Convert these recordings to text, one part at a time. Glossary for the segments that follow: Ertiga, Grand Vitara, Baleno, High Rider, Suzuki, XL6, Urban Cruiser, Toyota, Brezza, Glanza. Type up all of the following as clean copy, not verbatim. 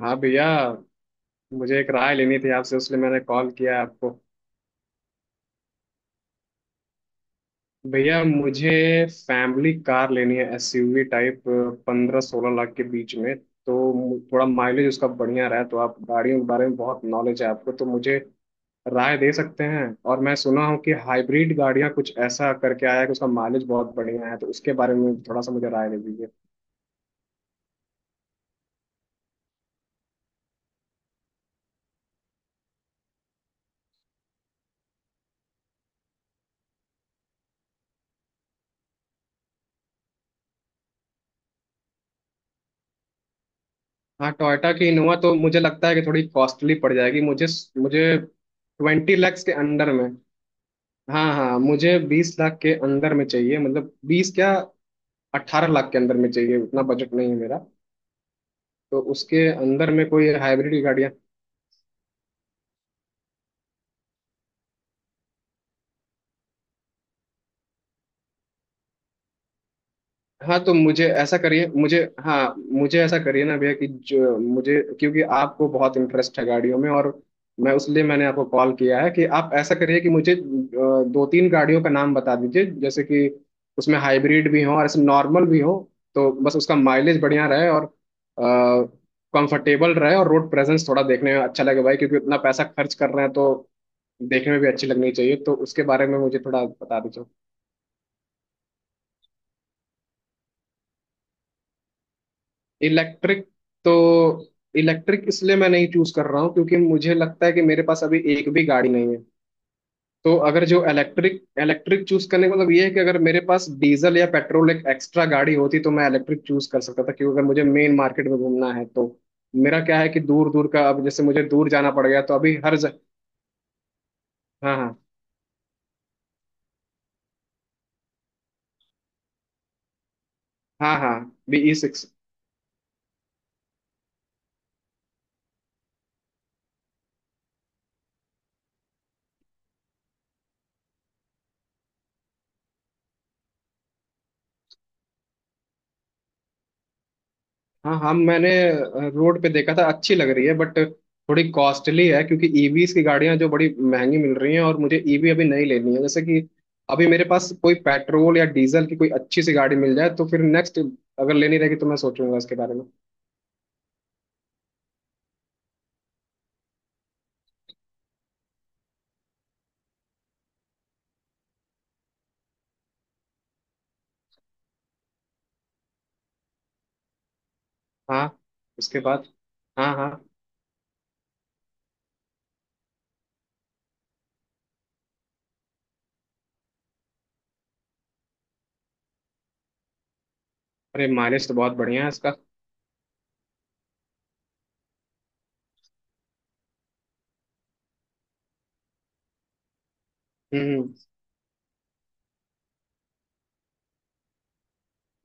हाँ भैया। मुझे एक राय लेनी थी आपसे, उसलिए मैंने कॉल किया आपको। भैया मुझे फैमिली कार लेनी है, एसयूवी टाइप, 15-16 लाख के बीच में। तो थोड़ा माइलेज उसका बढ़िया रहा है। तो आप गाड़ियों के बारे में बहुत नॉलेज है आपको, तो मुझे राय दे सकते हैं। और मैं सुना हूँ कि हाइब्रिड गाड़ियाँ कुछ ऐसा करके आया है कि उसका माइलेज बहुत बढ़िया है, तो उसके बारे में थोड़ा सा मुझे राय दे दीजिए। हाँ, टोयोटा की इनोवा तो मुझे लगता है कि थोड़ी कॉस्टली पड़ जाएगी मुझे। मुझे 20 लैक्स के अंडर में। हाँ हाँ, मुझे 20 लाख के अंदर में चाहिए, मतलब बीस क्या, 18 लाख के अंदर में चाहिए। उतना बजट नहीं है मेरा। तो उसके अंदर में कोई हाइब्रिड गाड़ियाँ? हाँ, तो मुझे ऐसा करिए मुझे। हाँ मुझे ऐसा करिए ना भैया कि जो मुझे, क्योंकि आपको बहुत इंटरेस्ट है गाड़ियों में, और मैं उसलिए मैंने आपको कॉल किया है कि आप ऐसा करिए कि मुझे दो तीन गाड़ियों का नाम बता दीजिए, जैसे कि उसमें हाइब्रिड भी हो और ऐसे नॉर्मल भी हो। तो बस उसका माइलेज बढ़िया रहे और कंफर्टेबल रहे और रोड प्रेजेंस थोड़ा देखने में अच्छा लगे भाई, क्योंकि इतना पैसा खर्च कर रहे हैं तो देखने में भी अच्छी लगनी चाहिए। तो उसके बारे में मुझे थोड़ा बता दीजिए। इलेक्ट्रिक? तो इलेक्ट्रिक इसलिए मैं नहीं चूज कर रहा हूँ क्योंकि मुझे लगता है कि मेरे पास अभी एक भी गाड़ी नहीं है। तो अगर जो इलेक्ट्रिक, इलेक्ट्रिक चूज करने का मतलब ये है कि अगर मेरे पास डीजल या पेट्रोल एक एक्स्ट्रा गाड़ी होती तो मैं इलेक्ट्रिक चूज कर सकता था, क्योंकि अगर मुझे मेन मार्केट में घूमना है तो मेरा क्या है कि दूर दूर का। अब जैसे मुझे दूर जाना पड़ गया, तो अभी हर हाँ हाँ। हाँ हाँ। BE 6। हाँ हम मैंने रोड पे देखा था, अच्छी लग रही है, बट थोड़ी कॉस्टली है, क्योंकि ईवीज की गाड़ियां जो बड़ी महंगी मिल रही हैं, और मुझे ईवी अभी नहीं लेनी है। जैसे कि अभी मेरे पास कोई पेट्रोल या डीजल की कोई अच्छी सी गाड़ी मिल जाए, तो फिर नेक्स्ट अगर लेनी रहेगी तो मैं सोचूंगा इसके बारे में। हाँ। उसके बाद। हाँ हाँ। अरे माइलेज तो बहुत बढ़िया है इसका। हम्म हम्म,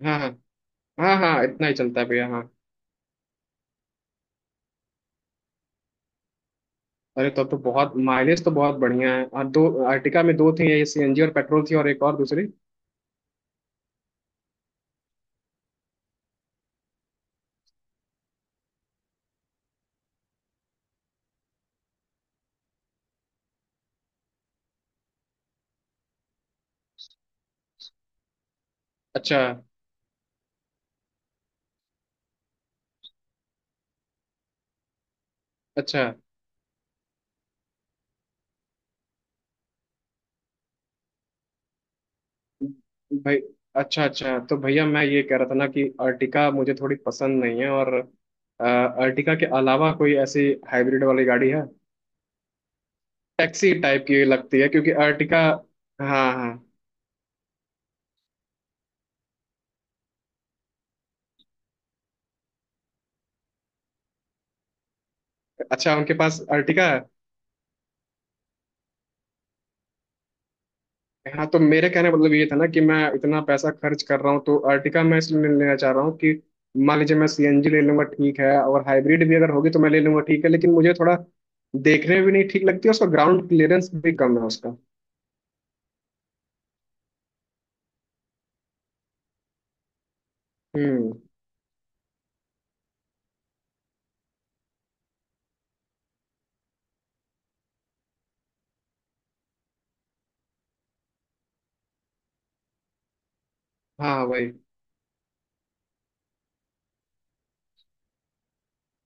हाँ हाँ हाँ हाँ, इतना ही चलता है भैया, हाँ। अरे तब तो, बहुत माइलेज तो बहुत बढ़िया है। और दो अर्टिका में दो थी, ये सीएनजी और पेट्रोल थी, और एक और दूसरी। अच्छा अच्छा। भाई अच्छा अच्छा, तो भैया मैं ये कह रहा था ना कि अर्टिका मुझे थोड़ी पसंद नहीं है। और अर्टिका के अलावा कोई ऐसी हाइब्रिड वाली गाड़ी है? टैक्सी टाइप की लगती है क्योंकि अर्टिका। हाँ हाँ। अच्छा, उनके पास अर्टिका है? हाँ, तो मेरे कहने का मतलब ये था ना कि मैं इतना पैसा खर्च कर रहा हूँ, तो अर्टिका मैं इसलिए नहीं लेना चाह रहा हूँ कि मान लीजिए मैं सीएनजी ले लूंगा ठीक है, और हाइब्रिड भी अगर होगी तो मैं ले लूंगा ठीक है, लेकिन मुझे थोड़ा देखने में भी नहीं ठीक लगती है, उसका ग्राउंड क्लियरेंस भी कम है उसका। हम्म। हाँ वही।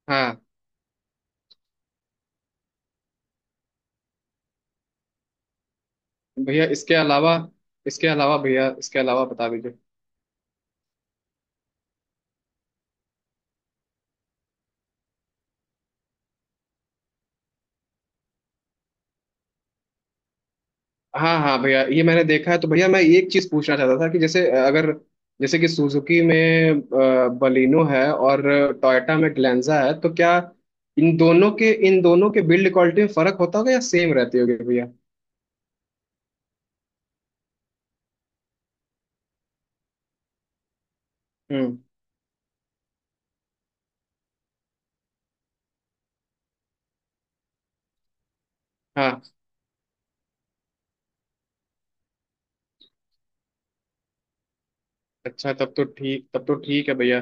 हाँ भैया इसके अलावा, इसके अलावा भैया, इसके अलावा बता दीजिए। हाँ हाँ भैया, ये मैंने देखा है, तो भैया मैं एक चीज पूछना चाहता था कि जैसे अगर जैसे कि सुजुकी में बलिनो है और टोयोटा में ग्लैंजा है, तो क्या इन दोनों के बिल्ड क्वालिटी में फर्क होता होगा या सेम रहती होगी भैया? हम्म। हाँ अच्छा, तब तो ठीक है भैया।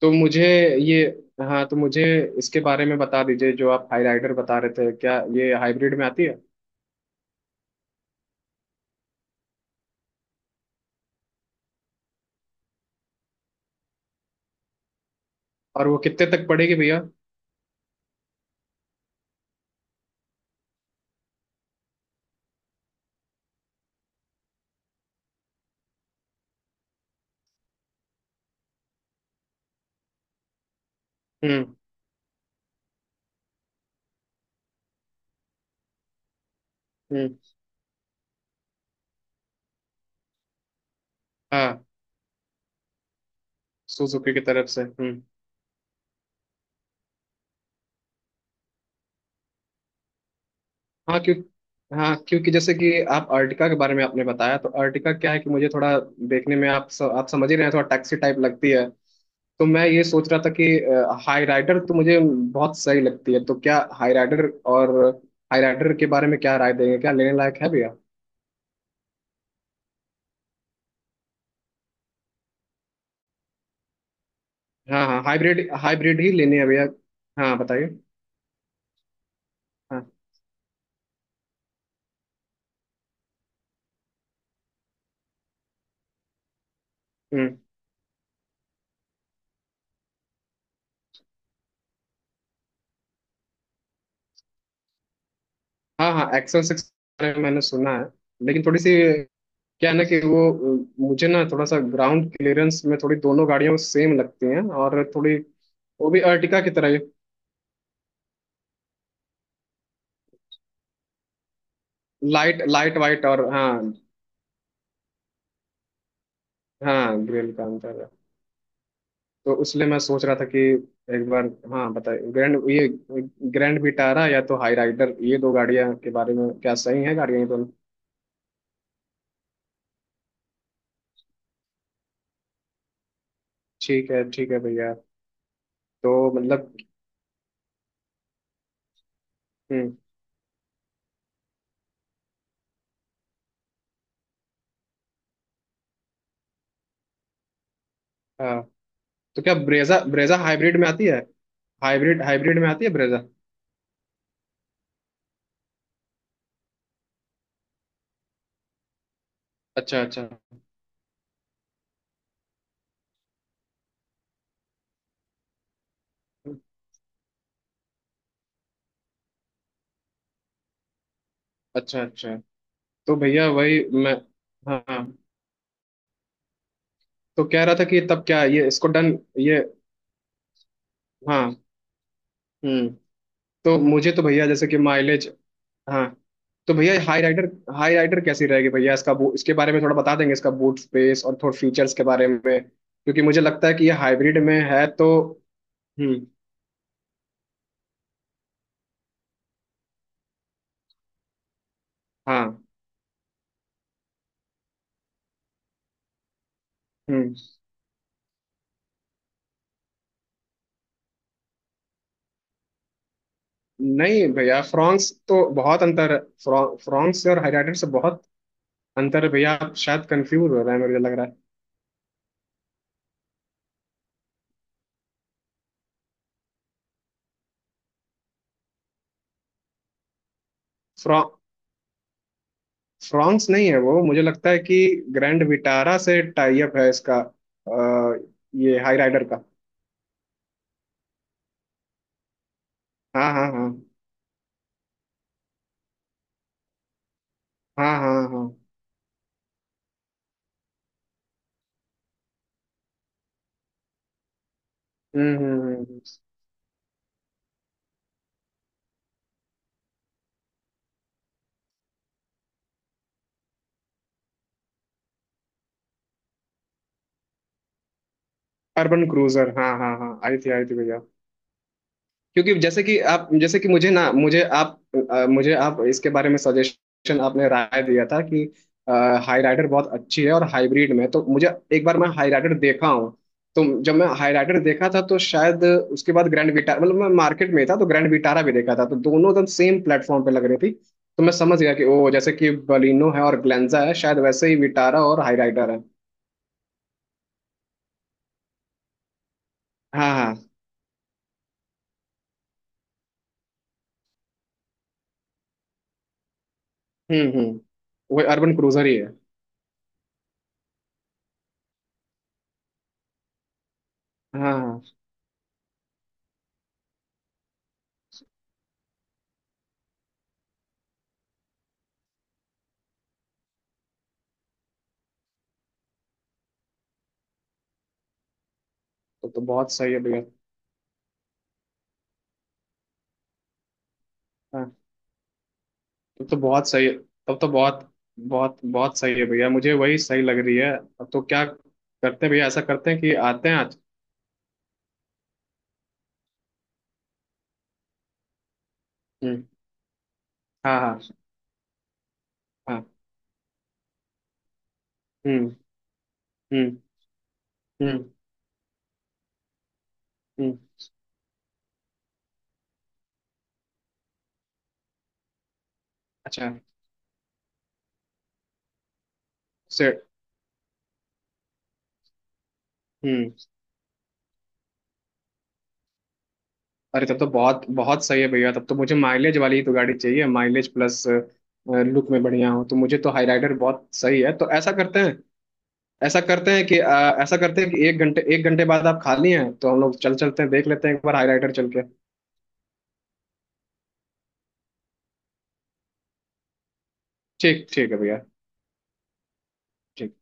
तो मुझे ये। हाँ तो मुझे इसके बारे में बता दीजिए, जो आप हाई राइडर बता रहे थे, क्या ये हाइब्रिड में आती है? और वो कितने तक पड़ेगी भैया? हम्म हम्म। हाँ सुजुकी की तरफ से। हम्म। हाँ क्यों। हाँ क्योंकि जैसे कि आप अर्टिका के बारे में आपने बताया, तो अर्टिका क्या है कि मुझे थोड़ा देखने में आप आप समझ ही रहे हैं, थोड़ा टैक्सी टाइप लगती है। तो मैं ये सोच रहा था कि हाई राइडर तो मुझे बहुत सही लगती है, तो क्या हाई राइडर, और हाई राइडर के बारे में क्या राय देंगे, क्या लेने लायक है भैया? हाँ हाँ, हाइब्रिड हाइब्रिड ही लेनी है भैया। हाँ बताइए। हाँ हम्म। हाँ हाँ XL6 मैंने सुना है, लेकिन थोड़ी सी क्या है ना कि वो मुझे ना थोड़ा सा ग्राउंड क्लियरेंस में थोड़ी दोनों गाड़ियां सेम लगती हैं, और थोड़ी वो भी अर्टिका की तरह। लाइट लाइट वाइट, और हाँ, हाँ ग्रिल का अंतर है। तो इसलिए मैं सोच रहा था कि एक बार। हाँ बताइए, ग्रैंड ये, ग्रैंड विटारा या तो हाई राइडर, ये दो गाड़ियां के बारे में क्या सही है गाड़ियां, ये दोनों? ठीक है भैया। तो मतलब। हम्म। हाँ, तो क्या ब्रेजा, ब्रेजा हाइब्रिड में आती है, हाइब्रिड हाइब्रिड में आती है ब्रेजा? अच्छा अच्छा। अच्छा अच्छा, तो भैया वही मैं। हाँ, तो कह रहा था कि तब क्या ये इसको डन ये। हाँ हम्म। तो मुझे तो भैया जैसे कि माइलेज। हाँ तो भैया हाई राइडर, हाई राइडर कैसी रहेगी भैया, इसका इसके बारे में थोड़ा बता देंगे, इसका बूट स्पेस और थोड़ा फीचर्स के बारे में, क्योंकि मुझे लगता है कि ये हाइब्रिड में है तो। हम्म। हाँ। हम्म। नहीं भैया फ्रॉन्क्स तो बहुत अंतर है, फ्रॉन्क्स से और हाई राइडर से बहुत अंतर है भैया, आप शायद कंफ्यूज हो रहे हैं मुझे लग रहा है। फ्रांस नहीं है वो, मुझे लगता है कि ग्रैंड विटारा से टाई अप है इसका, ये हाई राइडर का। हाँ हाँ हाँ। हाँ हाँ हाँ। हम्म। अर्बन क्रूजर, हाँ हाँ हाँ, आई थी भैया। क्योंकि जैसे कि आप, जैसे कि मुझे ना, मुझे आप मुझे आप इसके बारे में सजेशन, आपने राय दिया था कि हाई राइडर बहुत अच्छी है और हाइब्रिड में, तो मुझे एक बार मैं हाई राइडर देखा हूँ। तो जब मैं हाई राइडर देखा था, तो शायद उसके बाद ग्रैंड विटारा, मतलब मैं मार्केट में था, तो ग्रैंड विटारा भी देखा था, तो दोनों एकदम सेम प्लेटफॉर्म पे लग रही थी। तो मैं समझ गया कि ओ जैसे कि बलिनो है और ग्लेंजा है, शायद वैसे ही विटारा और हाई राइडर है। हाँ हाँ। हम्म, वो अर्बन क्रूजर ही है। हाँ। हाँ तो बहुत सही है भैया। हाँ। तब तो बहुत सही है, तब तो बहुत बहुत बहुत सही है भैया, मुझे वही सही लग रही है अब तो। क्या करते हैं भैया, ऐसा करते हैं कि आते हैं आज। हम्म। हाँ हाँ हाँ। हम्म हम्म हम्म हम्म। अच्छा। से। हम्म। अरे तब तो बहुत बहुत सही है भैया, तब तो मुझे माइलेज वाली ही तो गाड़ी चाहिए, माइलेज प्लस लुक में बढ़िया हो, तो मुझे तो हाई राइडर बहुत सही है। तो ऐसा करते हैं, ऐसा करते हैं कि अ, ऐसा करते हैं कि एक घंटे बाद आप खाली हैं, तो हम लोग चल चलते हैं, देख लेते हैं एक बार हाई राइडर चल के। ठीक ठीक है भैया। ठीक।